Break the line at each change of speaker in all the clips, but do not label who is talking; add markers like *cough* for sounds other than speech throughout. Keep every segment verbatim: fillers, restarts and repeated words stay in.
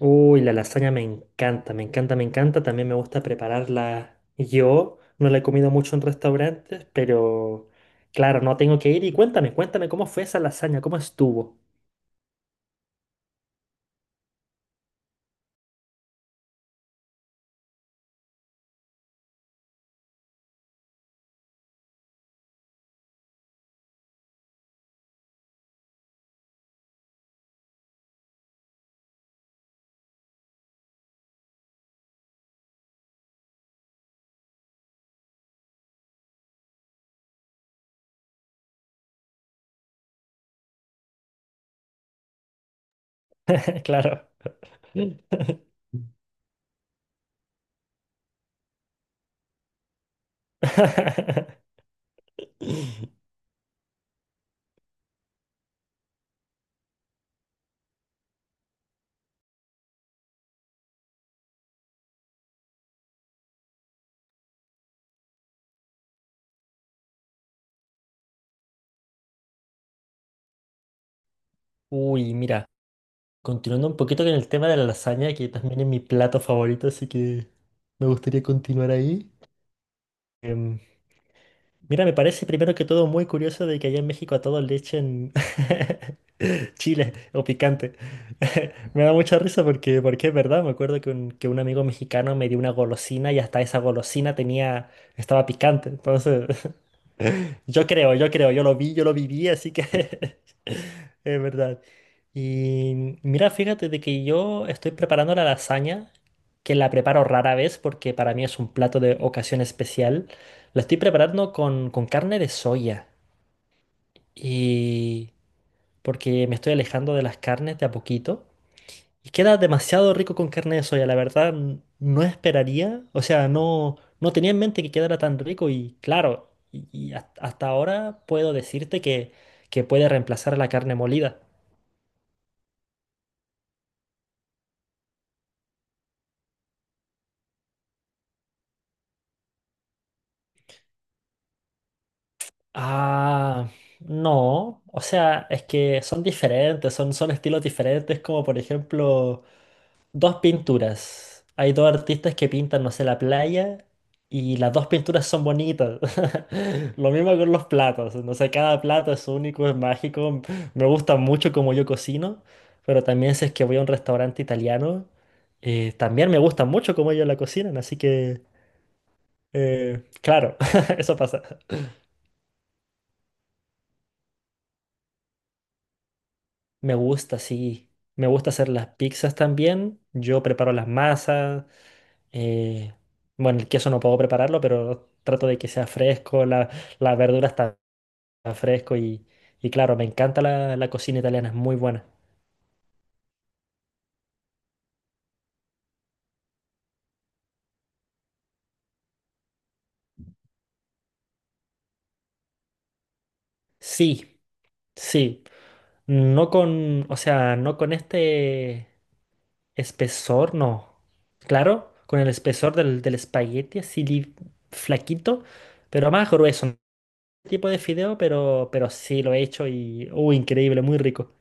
Uy, la lasaña me encanta, me encanta, me encanta. También me gusta prepararla yo. No la he comido mucho en restaurantes, pero claro, no tengo que ir. Y cuéntame, cuéntame cómo fue esa lasaña, cómo estuvo. *laughs* Claro. *laughs* Uy, mira, continuando un poquito con el tema de la lasaña, que también es mi plato favorito, así que me gustaría continuar ahí. Em, Mira, me parece primero que todo muy curioso de que allá en México a todos le echen *laughs* chile o picante. *laughs* Me da mucha risa porque, porque es verdad, me acuerdo que un, que un amigo mexicano me dio una golosina y hasta esa golosina tenía, estaba picante. Entonces, yo creo, yo creo, yo lo vi, yo lo viví, así que *laughs* es verdad. Y mira, fíjate de que yo estoy preparando la lasaña, que la preparo rara vez porque para mí es un plato de ocasión especial. La estoy preparando con, con carne de soya y porque me estoy alejando de las carnes de a poquito. Y queda demasiado rico con carne de soya, la verdad n- no esperaría, o sea, no, no tenía en mente que quedara tan rico y claro, y, y has- hasta ahora puedo decirte que, que puede reemplazar la carne molida. Ah, no, o sea, es que son diferentes, son, son estilos diferentes, como por ejemplo, dos pinturas. Hay dos artistas que pintan, no sé, la playa y las dos pinturas son bonitas. *laughs* Lo mismo con los platos. No sé, cada plato es único, es mágico. Me gusta mucho como yo cocino, pero también si es que voy a un restaurante italiano, eh, también me gusta mucho cómo ellos la cocinan. Así que, eh, claro, *laughs* eso pasa. Me gusta, sí. Me gusta hacer las pizzas también. Yo preparo las masas. Eh, bueno, el queso no puedo prepararlo, pero trato de que sea fresco, la, la verdura está fresco y, y claro, me encanta la, la cocina italiana, es muy buena. Sí, sí. No con, o sea, no con este espesor, no. Claro, con el espesor del, del espagueti, así li- flaquito, pero más grueso. Tipo de fideo, pero, pero sí lo he hecho y, uh, increíble, muy rico.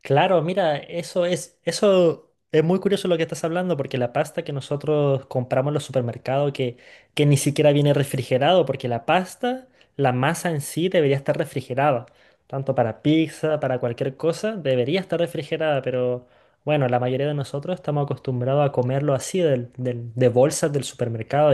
Claro, mira, eso es, eso es muy curioso lo que estás hablando, porque la pasta que nosotros compramos en los supermercados, que, que ni siquiera viene refrigerado, porque la pasta, la masa en sí debería estar refrigerada, tanto para pizza, para cualquier cosa, debería estar refrigerada, pero bueno, la mayoría de nosotros estamos acostumbrados a comerlo así, del- del- de bolsas del supermercado,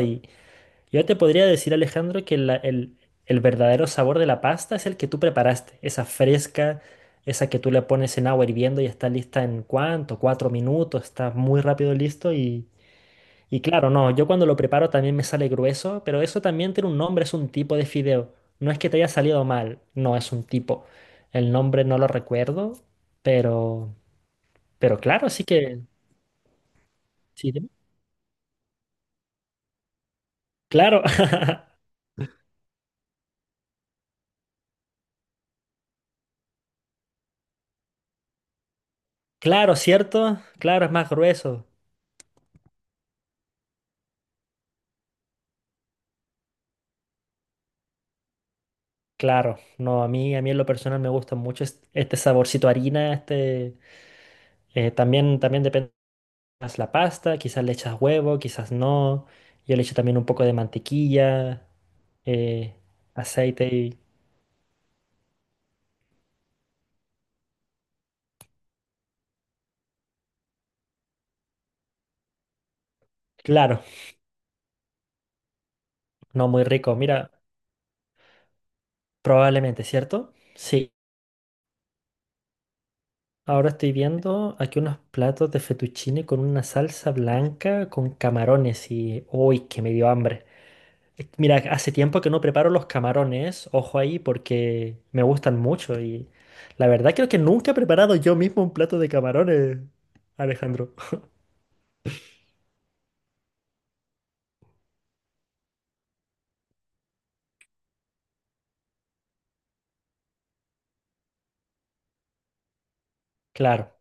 yo te podría decir, Alejandro, que la- el, el verdadero sabor de la pasta es el que tú preparaste, esa fresca, esa que tú le pones en agua hirviendo y está lista en cuánto, cuatro minutos, está muy rápido listo y, y claro, no, yo cuando lo preparo también me sale grueso, pero eso también tiene un nombre, es un tipo de fideo. No es que te haya salido mal, no es un tipo. El nombre no lo recuerdo, pero, pero claro, sí que... Sí, dime. Claro, *laughs* claro, ¿cierto? Claro, es más grueso. Claro, no, a mí, a mí en lo personal me gusta mucho es- este saborcito a harina, este, eh, también, también depende más la pasta, quizás le echas huevo, quizás no, yo le echo también un poco de mantequilla, eh, aceite y... Claro, no, muy rico, mira, probablemente, ¿cierto? Sí, ahora estoy viendo aquí unos platos de fettuccine con una salsa blanca con camarones y... ¡Uy, que me dio hambre! Eh, Mira, hace tiempo que no preparo los camarones, ojo ahí, porque me gustan mucho y la verdad creo que nunca he preparado yo mismo un plato de camarones, Alejandro. Claro.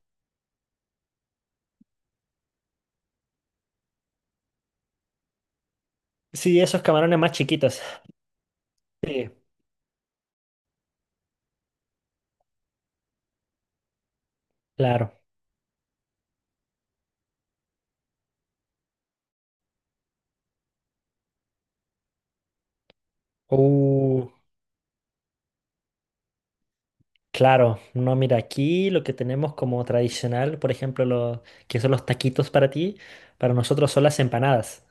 Sí, esos camarones más chiquitos. Sí, claro. Uh, claro. No, mira, aquí lo que tenemos como tradicional, por ejemplo, lo que son los taquitos para ti, para nosotros son las empanadas.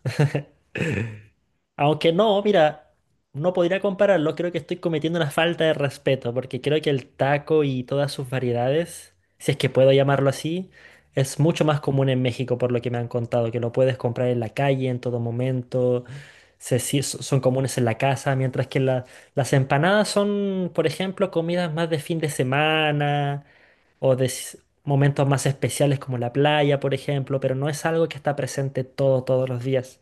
Aunque no, mira, no podría compararlo, creo que estoy cometiendo una falta de respeto, porque creo que el taco y todas sus variedades, si es que puedo llamarlo así, es mucho más común en México, por lo que me han contado, que lo puedes comprar en la calle en todo momento, se, sí, so- son comunes en la casa, mientras que la- las empanadas son, por ejemplo, comidas más de fin de semana o de s- momentos más especiales como la playa, por ejemplo, pero no es algo que está presente todo, todos los días.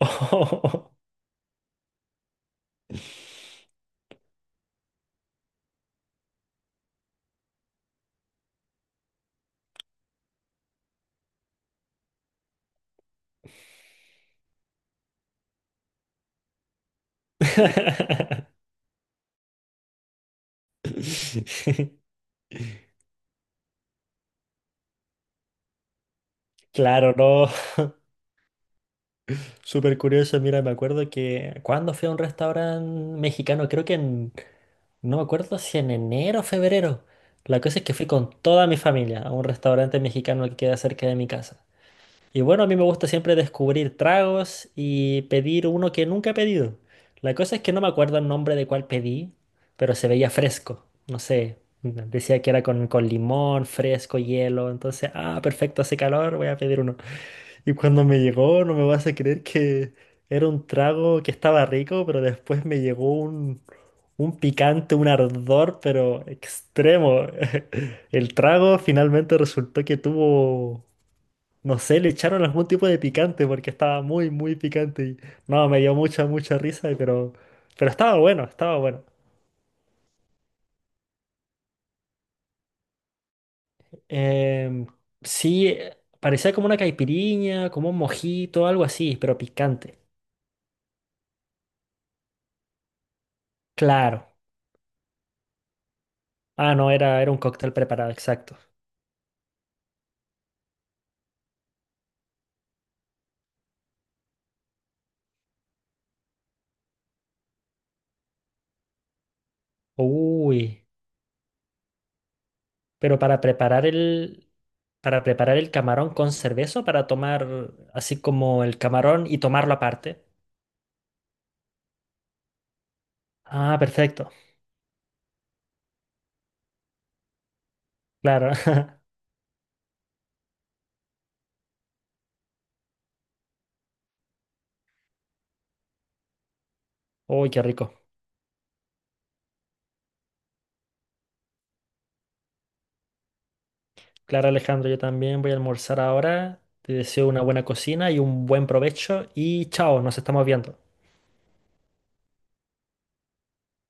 *laughs* *laughs* Claro, no. Súper curioso. Mira, me acuerdo que cuando fui a un restaurante mexicano, creo que en, no me acuerdo si en enero o febrero. La cosa es que fui con toda mi familia a un restaurante mexicano que queda cerca de mi casa. Y bueno, a mí me gusta siempre descubrir tragos y pedir uno que nunca he pedido. La cosa es que no me acuerdo el nombre de cuál pedí, pero se veía fresco. No sé, decía que era con, con limón, fresco, hielo. Entonces, ah, perfecto, hace calor, voy a pedir uno. Y cuando me llegó, no me vas a creer que era un trago que estaba rico, pero después me llegó un, un picante, un ardor, pero extremo. *laughs* El trago finalmente resultó que tuvo... No sé, le echaron algún tipo de picante porque estaba muy, muy picante y no, me dio mucha, mucha risa, pero, pero estaba bueno, estaba bueno. Em, sí, eh, parecía como una caipiriña, como un mojito, algo así, pero picante. Claro. Ah, no, era, era un cóctel preparado, exacto. Uy, pero para preparar el, para preparar el camarón con cerveza, o para tomar así como el camarón y tomarlo aparte. Ah, perfecto. Claro. *laughs* Uy, qué rico. Claro, Alejandro, yo también voy a almorzar ahora. Te deseo una buena cocina y un buen provecho y chao, nos estamos viendo.